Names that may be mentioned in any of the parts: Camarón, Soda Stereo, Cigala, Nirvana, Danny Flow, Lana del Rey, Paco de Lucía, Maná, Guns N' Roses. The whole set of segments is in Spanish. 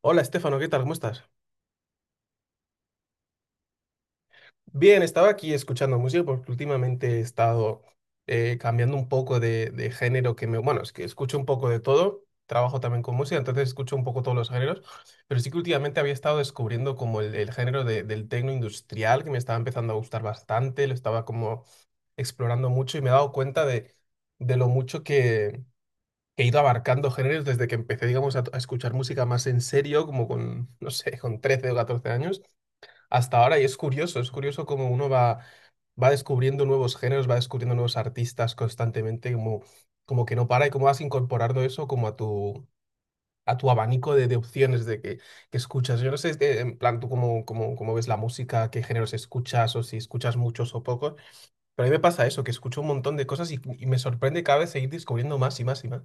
Hola, Estefano, ¿qué tal? ¿Cómo estás? Bien, estaba aquí escuchando música porque últimamente he estado cambiando un poco de género que me... Bueno, es que escucho un poco de todo, trabajo también con música, entonces escucho un poco todos los géneros, pero sí que últimamente había estado descubriendo como el género del techno industrial que me estaba empezando a gustar bastante, lo estaba como explorando mucho y me he dado cuenta de lo mucho que he ido abarcando géneros desde que empecé, digamos, a escuchar música más en serio, como con, no sé, con 13 o 14 años hasta ahora. Y es curioso cómo uno va, va descubriendo nuevos géneros, va descubriendo nuevos artistas constantemente, como, como que no para, y cómo vas incorporando eso como a a tu abanico de opciones de que escuchas. Yo no sé, este, en plan, tú cómo ves la música, qué géneros escuchas o si escuchas muchos o pocos, pero a mí me pasa eso, que escucho un montón de cosas y me sorprende cada vez seguir descubriendo más y más y más.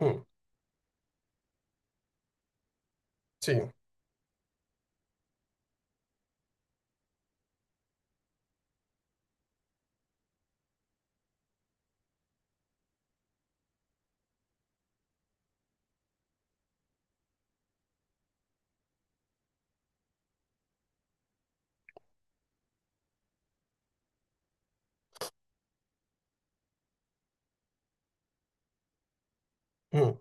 Mm, sí. mm,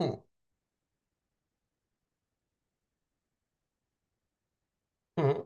mm, mm.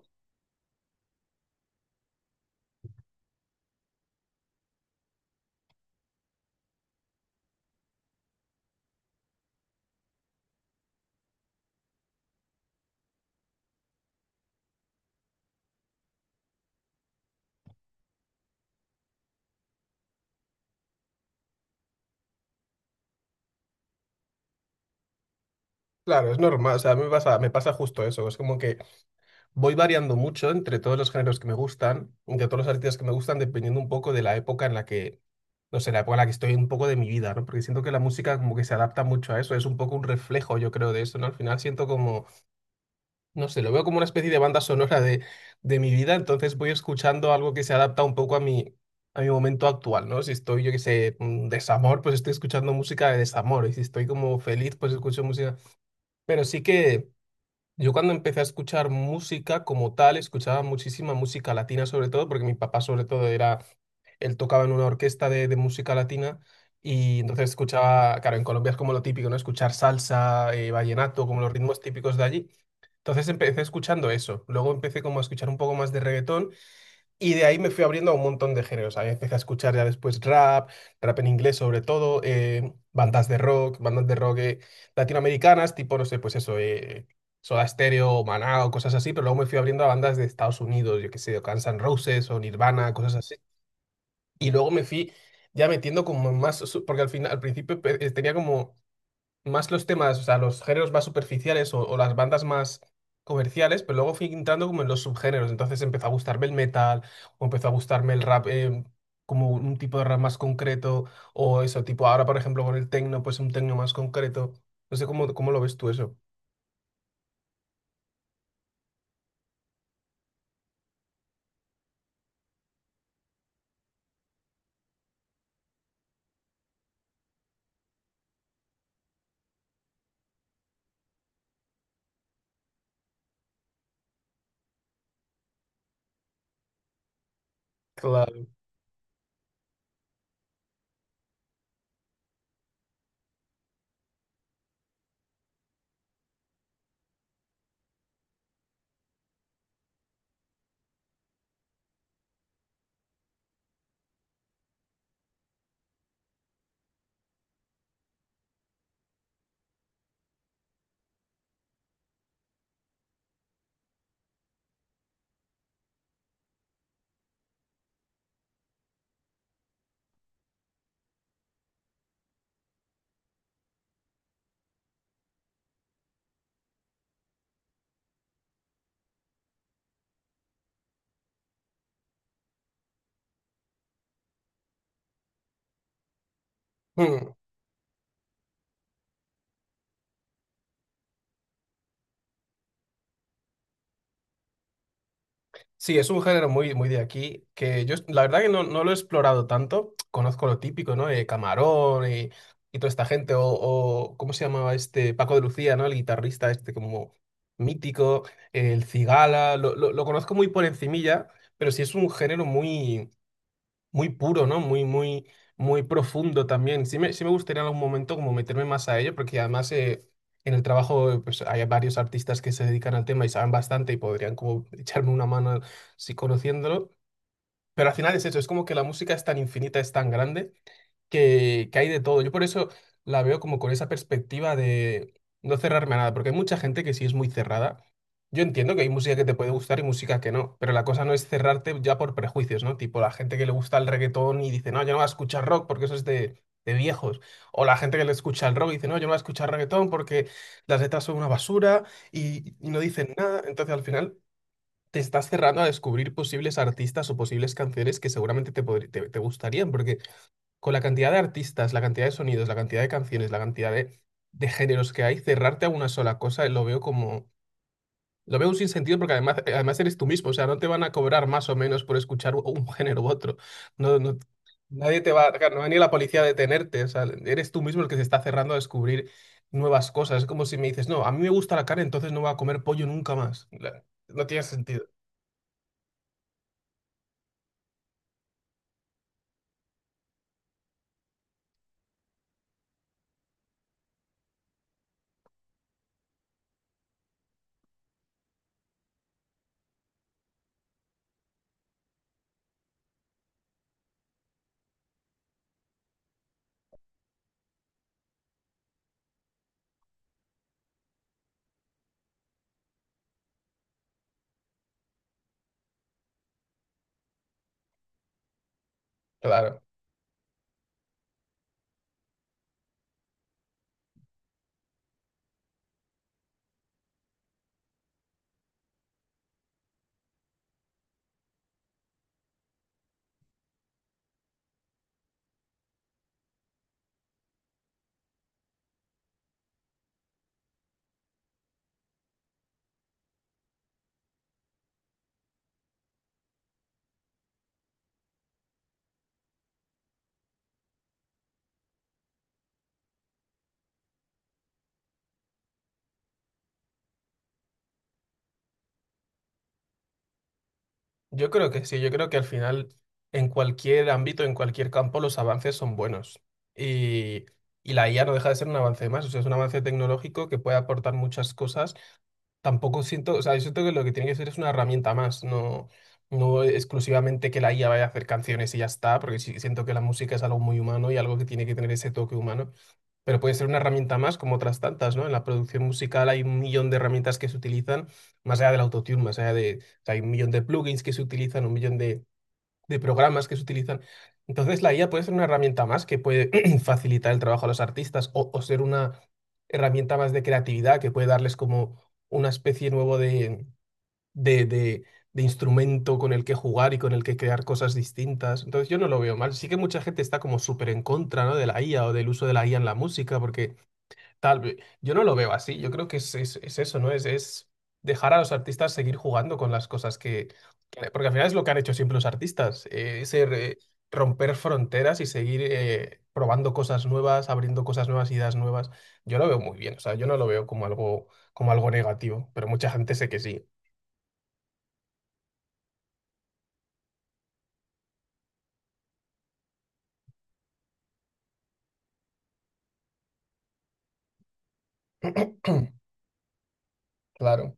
Claro, es normal, o sea, a mí me pasa justo eso, es como que voy variando mucho entre todos los géneros que me gustan, entre todos los artistas que me gustan, dependiendo un poco de la época en la que, no sé, la época en la que estoy un poco de mi vida, ¿no? Porque siento que la música como que se adapta mucho a eso, es un poco un reflejo, yo creo, de eso, ¿no? Al final siento como, no sé, lo veo como una especie de banda sonora de mi vida, entonces voy escuchando algo que se adapta un poco a a mi momento actual, ¿no? Si estoy, yo qué sé, desamor, pues estoy escuchando música de desamor, y si estoy como feliz, pues escucho música. Pero sí que... Yo cuando empecé a escuchar música como tal, escuchaba muchísima música latina sobre todo, porque mi papá sobre todo era, él tocaba en una orquesta de música latina y entonces escuchaba, claro, en Colombia es como lo típico, ¿no? Escuchar salsa, vallenato, como los ritmos típicos de allí. Entonces empecé escuchando eso. Luego empecé como a escuchar un poco más de reggaetón y de ahí me fui abriendo a un montón de géneros. Ahí empecé a escuchar ya después rap, rap en inglés sobre todo, bandas de rock latinoamericanas, tipo, no sé, pues eso, Soda Stereo, Maná o cosas así, pero luego me fui abriendo a bandas de Estados Unidos, yo qué sé, o Guns N' Roses o Nirvana, cosas así. Y luego me fui ya metiendo como en más, porque al final, al principio tenía como más los temas, o sea, los géneros más superficiales o las bandas más comerciales, pero luego fui entrando como en los subgéneros. Entonces empezó a gustarme el metal, o empezó a gustarme el rap, como un tipo de rap más concreto, o eso, tipo ahora, por ejemplo, con el techno pues un techno más concreto. No sé cómo lo ves tú eso. Claro. Mm. Sí, es un género muy, muy de aquí, que yo la verdad que no, no lo he explorado tanto. Conozco lo típico, ¿no? De Camarón y toda esta gente, o ¿cómo se llamaba este? Paco de Lucía, ¿no? El guitarrista este como mítico, el Cigala, lo conozco muy por encimilla, pero sí es un género muy, muy puro, ¿no? Muy, muy, muy profundo también. Sí me gustaría en algún momento como meterme más a ello, porque además en el trabajo pues hay varios artistas que se dedican al tema y saben bastante y podrían como echarme una mano si conociéndolo. Pero al final es eso, es como que la música es tan infinita, es tan grande, que hay de todo. Yo por eso la veo como con esa perspectiva de no cerrarme a nada, porque hay mucha gente que sí es muy cerrada. Yo entiendo que hay música que te puede gustar y música que no, pero la cosa no es cerrarte ya por prejuicios, ¿no? Tipo la gente que le gusta el reggaetón y dice, no, yo no voy a escuchar rock porque eso es de viejos. O la gente que le escucha el rock y dice, no, yo no voy a escuchar reggaetón porque las letras son una basura y no dicen nada. Entonces al final te estás cerrando a descubrir posibles artistas o posibles canciones que seguramente te gustarían, porque con la cantidad de artistas, la cantidad de sonidos, la cantidad de canciones, la cantidad de géneros que hay, cerrarte a una sola cosa lo veo como... Lo veo un sinsentido porque además, además eres tú mismo, o sea, no te van a cobrar más o menos por escuchar un género u otro. No, no, nadie te va, no va a venir la policía a detenerte, o sea, eres tú mismo el que se está cerrando a descubrir nuevas cosas. Es como si me dices, no, a mí me gusta la carne, entonces no voy a comer pollo nunca más. No tiene sentido. Claro. Yo creo que sí, yo creo que al final, en cualquier ámbito, en cualquier campo, los avances son buenos. Y, y la IA no deja de ser un avance más, o sea, es un avance tecnológico que puede aportar muchas cosas. Tampoco siento, o sea, yo siento que lo que tiene que ser es una herramienta más, no, no exclusivamente que la IA vaya a hacer canciones y ya está, porque sí, siento que la música es algo muy humano y algo que tiene que tener ese toque humano. Pero puede ser una herramienta más, como otras tantas, ¿no? En la producción musical hay un millón de herramientas que se utilizan, más allá del autotune, más allá de... o sea, hay un millón de plugins que se utilizan, un millón de programas que se utilizan. Entonces, la IA puede ser una herramienta más que puede facilitar el trabajo a los artistas o ser una herramienta más de creatividad que puede darles como una especie nuevo de, de, de instrumento con el que jugar y con el que crear cosas distintas. Entonces, yo no lo veo mal. Sí que mucha gente está como súper en contra, ¿no? De la IA o del uso de la IA en la música, porque tal vez. Yo no lo veo así. Yo creo que es eso, ¿no? Es dejar a los artistas seguir jugando con las cosas porque al final es lo que han hecho siempre los artistas. Romper fronteras y seguir probando cosas nuevas, abriendo cosas nuevas, ideas nuevas. Yo lo veo muy bien. O sea, yo no lo veo como algo negativo, pero mucha gente sé que sí. Claro,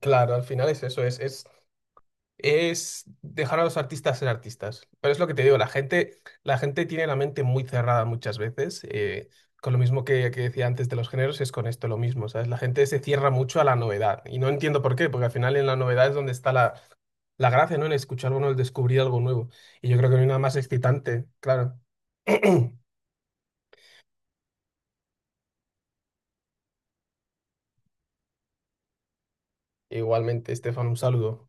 claro, al final es eso, es es dejar a los artistas ser artistas. Pero es lo que te digo, la gente tiene la mente muy cerrada muchas veces. Con lo mismo que decía antes de los géneros, es con esto lo mismo, ¿sabes? La gente se cierra mucho a la novedad. Y no entiendo por qué, porque al final en la novedad es donde está la gracia, ¿no? En escuchar algo, en el descubrir algo nuevo. Y yo creo que no hay nada más excitante, claro. Igualmente, Estefan, un saludo.